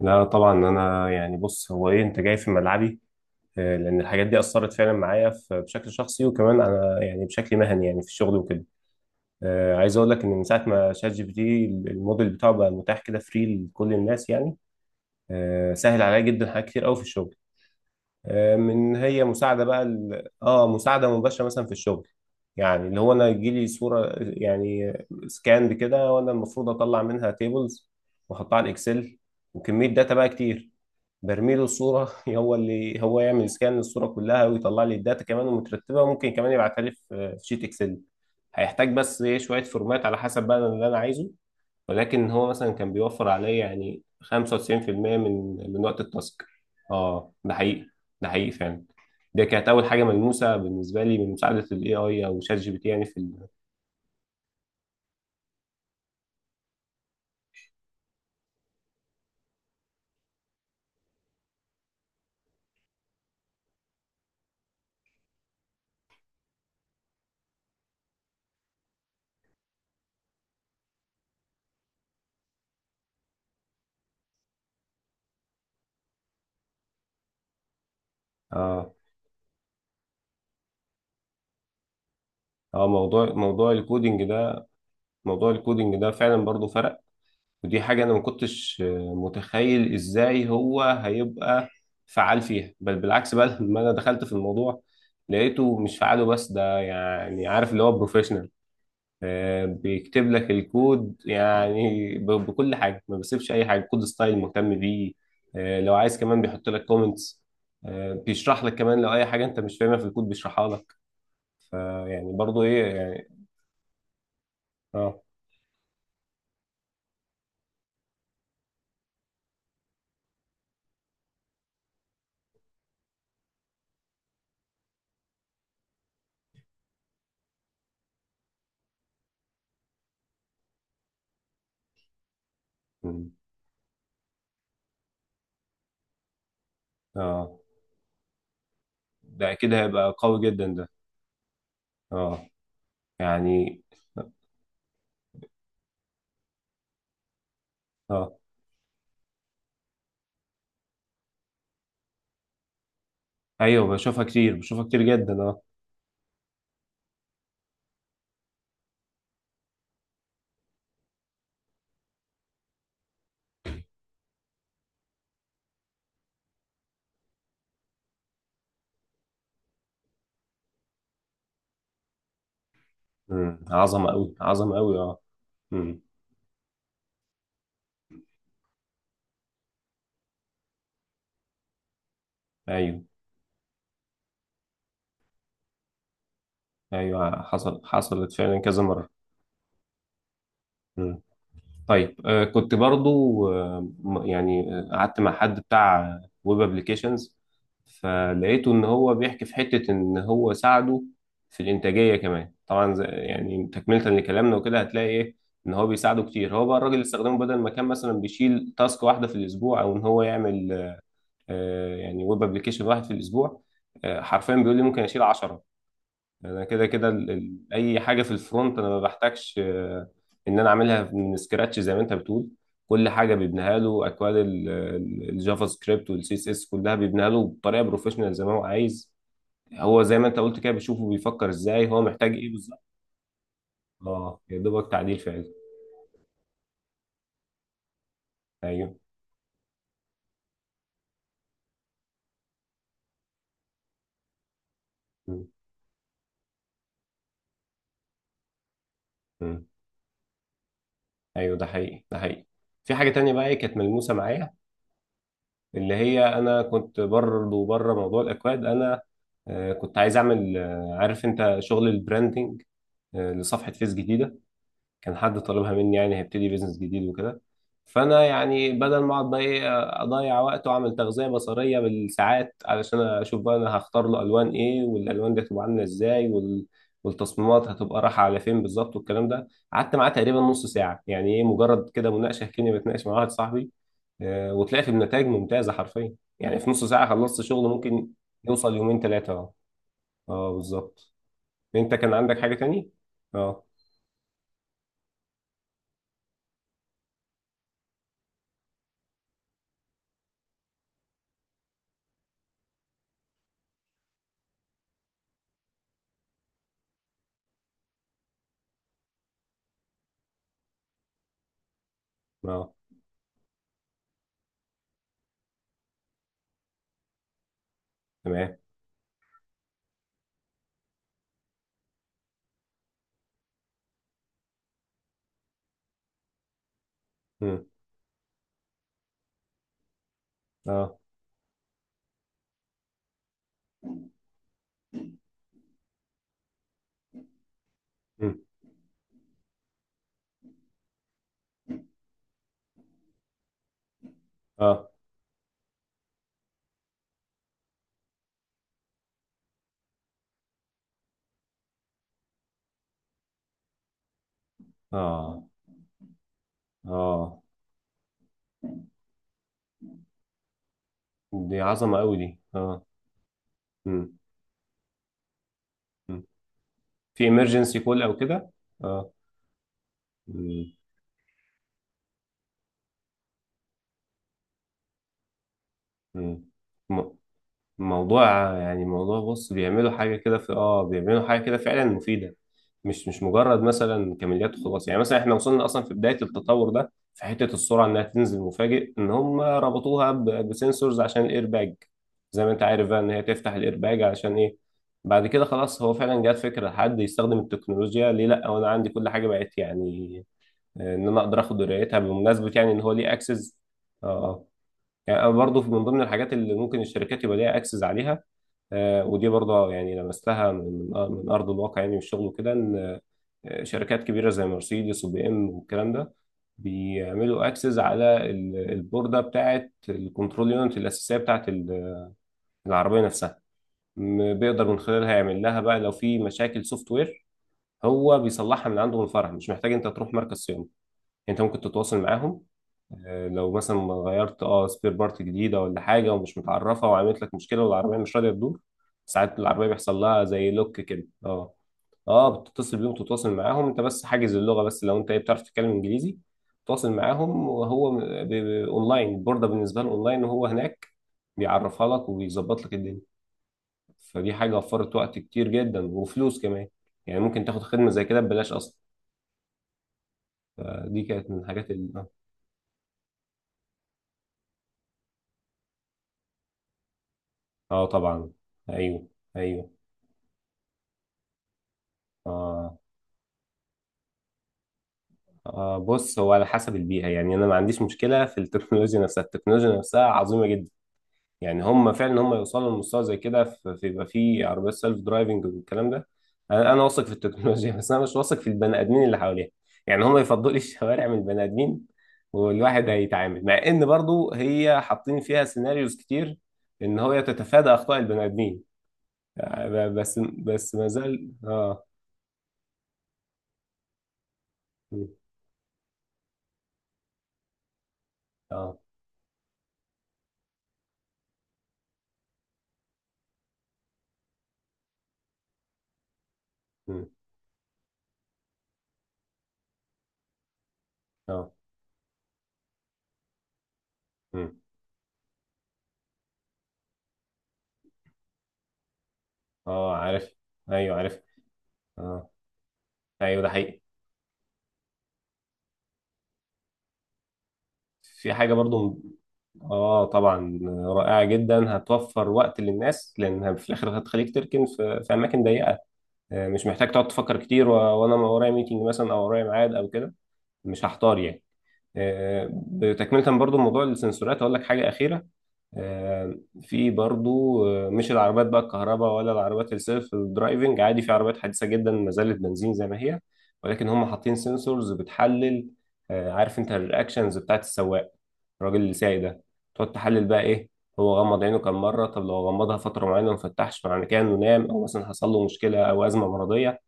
لا طبعا انا يعني بص هو ايه انت جاي في ملعبي. لان الحاجات دي اثرت فعلا معايا بشكل شخصي وكمان انا يعني بشكل مهني يعني في الشغل وكده. عايز اقول لك ان من ساعه ما شات جي بي تي الموديل بتاعه بقى متاح كده فري لكل الناس يعني. سهل عليا جدا حاجات كتير قوي في الشغل. من هي مساعده بقى مساعده مباشره مثلا في الشغل. يعني اللي هو انا يجيلي صوره يعني سكان كده وانا المفروض اطلع منها تيبلز واحطها على الاكسل وكميه داتا بقى كتير. برمي له الصوره هو اللي هو يعمل سكان للصوره كلها ويطلع لي الداتا كمان مترتبه وممكن كمان يبعتها لي في شيت اكسل. هيحتاج بس ايه شويه فورمات على حسب بقى اللي انا عايزه. ولكن هو مثلا كان بيوفر عليا يعني 95% من وقت التاسك. اه ده حقيقي. ده حقيقي فعلا. دي كانت اول حاجه ملموسه بالنسبه لي من مساعده الاي اي او شات جي بي تي يعني في اه اه موضوع الكودينج ده. فعلا برضو فرق. ودي حاجة أنا ما كنتش متخيل إزاي هو هيبقى فعال فيها، بل بالعكس بقى لما أنا دخلت في الموضوع لقيته مش فعاله. بس ده يعني عارف اللي هو بروفيشنال بيكتب لك الكود يعني بكل حاجة، ما بيسيبش أي حاجة، كود ستايل مهتم بيه. لو عايز كمان بيحط لك كومنتس. بيشرح لك كمان لو أي حاجة أنت مش فاهمها في الكود بيشرحها لك. يعني برضو إيه يعني. آه مم. آه ده أكيد هيبقى قوي جدا ده. آه يعني آه. ايوه بشوفها كتير جدا اه. امم، عظمه قوي، عظمه قوي اه. امم. ايوه ايوه. حصلت فعلا كذا مره. امم. طيب كنت برضو قعدت مع حد بتاع ويب ابلكيشنز، فلقيته ان هو بيحكي في حته ان هو ساعده في الانتاجيه كمان طبعا زي يعني تكمله لكلامنا وكده. هتلاقي ايه ان هو بيساعده كتير. هو بقى الراجل اللي استخدمه بدل ما كان مثلا بيشيل تاسك واحده في الاسبوع او ان هو يعمل يعني ويب ابلكيشن واحد في الاسبوع. حرفيا بيقول لي ممكن اشيل 10. انا كده كده اي حاجه في الفرونت انا ما بحتاجش، ان انا اعملها من سكراتش زي ما انت بتقول. كل حاجه بيبنيها له، اكواد الجافا سكريبت والسي اس اس كلها بيبنيها له بطريقه بروفيشنال زي ما هو عايز. هو زي ما انت قلت كده بيشوفه، بيفكر ازاي، هو محتاج ايه بالظبط. اه يا دوبك تعديل فعلي. ايوه. م- م. ايوه ده حقيقي. ده حقيقي. في حاجه تانية بقى إيه كانت ملموسه معايا، اللي هي انا كنت برضه بره موضوع الاكواد. انا كنت عايز اعمل عارف انت شغل البراندنج، لصفحه فيس جديده. كان حد طالبها مني يعني هيبتدي بيزنس جديد وكده. فانا يعني بدل ما اقعد بقى ايه اضيع وقت واعمل تغذيه بصريه بالساعات علشان اشوف بقى انا هختار له الوان ايه والالوان دي هتبقى عامله ازاي والتصميمات هتبقى رايحه على فين بالظبط والكلام ده، قعدت معاه تقريبا نص ساعه يعني ايه، مجرد كده مناقشه كاني بتناقش مع واحد صاحبي. وطلعت بنتائج ممتازه حرفيا. يعني في نص ساعه خلصت شغل ممكن يوصل يومين ثلاثه اه. اه بالظبط. انت كان عندك حاجه تاني؟ اه. اه تمام. مم. اه. مم. اه. اه. اه. دي عظمه قوي دي اه. مم. مم. في emergency call او كده. اه. مم. مم. الموضوع. يعني موضوع، بص بيعملوا حاجة كده في بيعملوا حاجة كده فعلا مفيدة. مش مجرد مثلا كماليات وخلاص يعني. مثلا احنا وصلنا اصلا في بداية التطور ده، في حتة السرعة انها تنزل مفاجئ ان هم ربطوها بسنسورز عشان الايرباج، زي ما انت عارف بقى ان هي تفتح الايرباج علشان ايه. بعد كده خلاص هو فعلا جات فكرة حد يستخدم التكنولوجيا، ليه لا وانا عندي كل حاجة بقت يعني. ان انا اقدر اخد درايتها بمناسبة يعني ان هو ليه اكسس. اه يعني انا برضه من ضمن الحاجات اللي ممكن الشركات يبقى ليها اكسس عليها. ودي برضه يعني لمستها من من ارض الواقع يعني، والشغل وكده، ان شركات كبيره زي مرسيدس وبي ام والكلام ده بيعملوا اكسس على البورده بتاعه الكنترول يونت الاساسيه بتاعه العربيه نفسها. بيقدر من خلالها يعمل لها بقى لو في مشاكل سوفت وير. هو بيصلحها من عنده، من الفرع، مش محتاج انت تروح مركز صيانه، انت ممكن تتواصل معاهم. لو مثلا غيرت اه سبير بارت جديده ولا حاجه ومش متعرفه وعملت لك مشكله والعربيه مش راضيه تدور، ساعات العربيه بيحصل لها زي لوك كده اه. اه بتتصل بيهم، تتواصل معاهم انت، بس حاجز اللغه. بس لو انت ايه بتعرف تتكلم انجليزي تواصل معاهم، وهو اونلاين، البورده بالنسبه له اونلاين وهو هناك بيعرفها لك وبيظبط لك الدنيا. فدي حاجه وفرت وقت كتير جدا وفلوس كمان، يعني ممكن تاخد خدمه زي كده ببلاش اصلا. فدي كانت من الحاجات اللي اه. آه طبعا. ايوه ايوه. آه بص هو على حسب البيئة. يعني أنا ما عنديش مشكلة في التكنولوجيا نفسها، التكنولوجيا نفسها عظيمة جدا. يعني هم فعلا هم يوصلوا لمستوى زي كده في يبقى في عربيات سيلف درايفنج والكلام ده. أنا واثق في التكنولوجيا بس أنا مش واثق في البني آدمين اللي حواليها، يعني هم يفضلوا لي الشوارع من البني آدمين. والواحد هيتعامل مع إن برضو هي حاطين فيها سيناريوز كتير، إن هو تتفادى أخطاء البني آدمين. بس ما زال م، آه م، آه م، آه عارف. أيوه عارف. اه ايوه ده حقيقي. في حاجه برضو اه طبعا. رائعه جدا، هتوفر وقت للناس لان في الاخر هتخليك تركن في، في اماكن ضيقه. مش محتاج تقعد تفكر كتير وانا ورايا ميتنج مثلا او ورايا ميعاد او كده، مش هحتار يعني. بتكمله برضو موضوع السنسورات، اقول لك حاجه اخيره. آه، في برضو مش العربيات بقى الكهرباء ولا العربيات السيلف درايفنج، عادي في عربيات حديثة جدا ما زالت بنزين زي ما هي ولكن هم حاطين سنسورز بتحلل. عارف انت الرياكشنز بتاعت السواق، الراجل اللي سايق ده، تقعد تحلل بقى ايه. هو غمض عينه كام مرة، طب لو غمضها فترة معينة وما فتحش معنى كده انه نام او مثلا حصل له مشكلة او أزمة مرضية.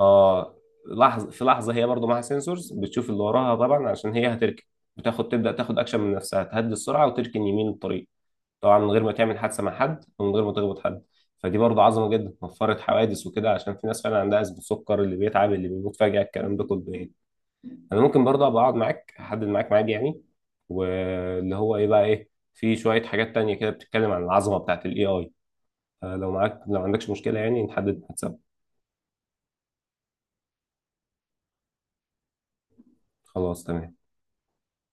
اه لحظة في لحظة. هي برضو معاها سنسورز بتشوف اللي وراها طبعا عشان هي هتركن، بتاخد تبدأ تاخد اكشن من نفسها، تهدي السرعة وتركن يمين الطريق، طبعا من غير ما تعمل حادثه مع حد ومن غير ما تخبط حد. فدي برضه عظمه جدا، وفرت حوادث وكده عشان في ناس فعلا عندها ازمه سكر، اللي بيتعب، اللي بيموت فجاه، الكلام ده كله يعني. انا ممكن برضه ابقى اقعد معاك، احدد معاك ميعاد يعني، واللي هو ايه بقى، ايه في شويه حاجات تانية كده بتتكلم عن العظمه بتاعت الاي اي. لو معاك، لو عندكش مشكله يعني، نحدد ميعاد سوا. خلاص تمام.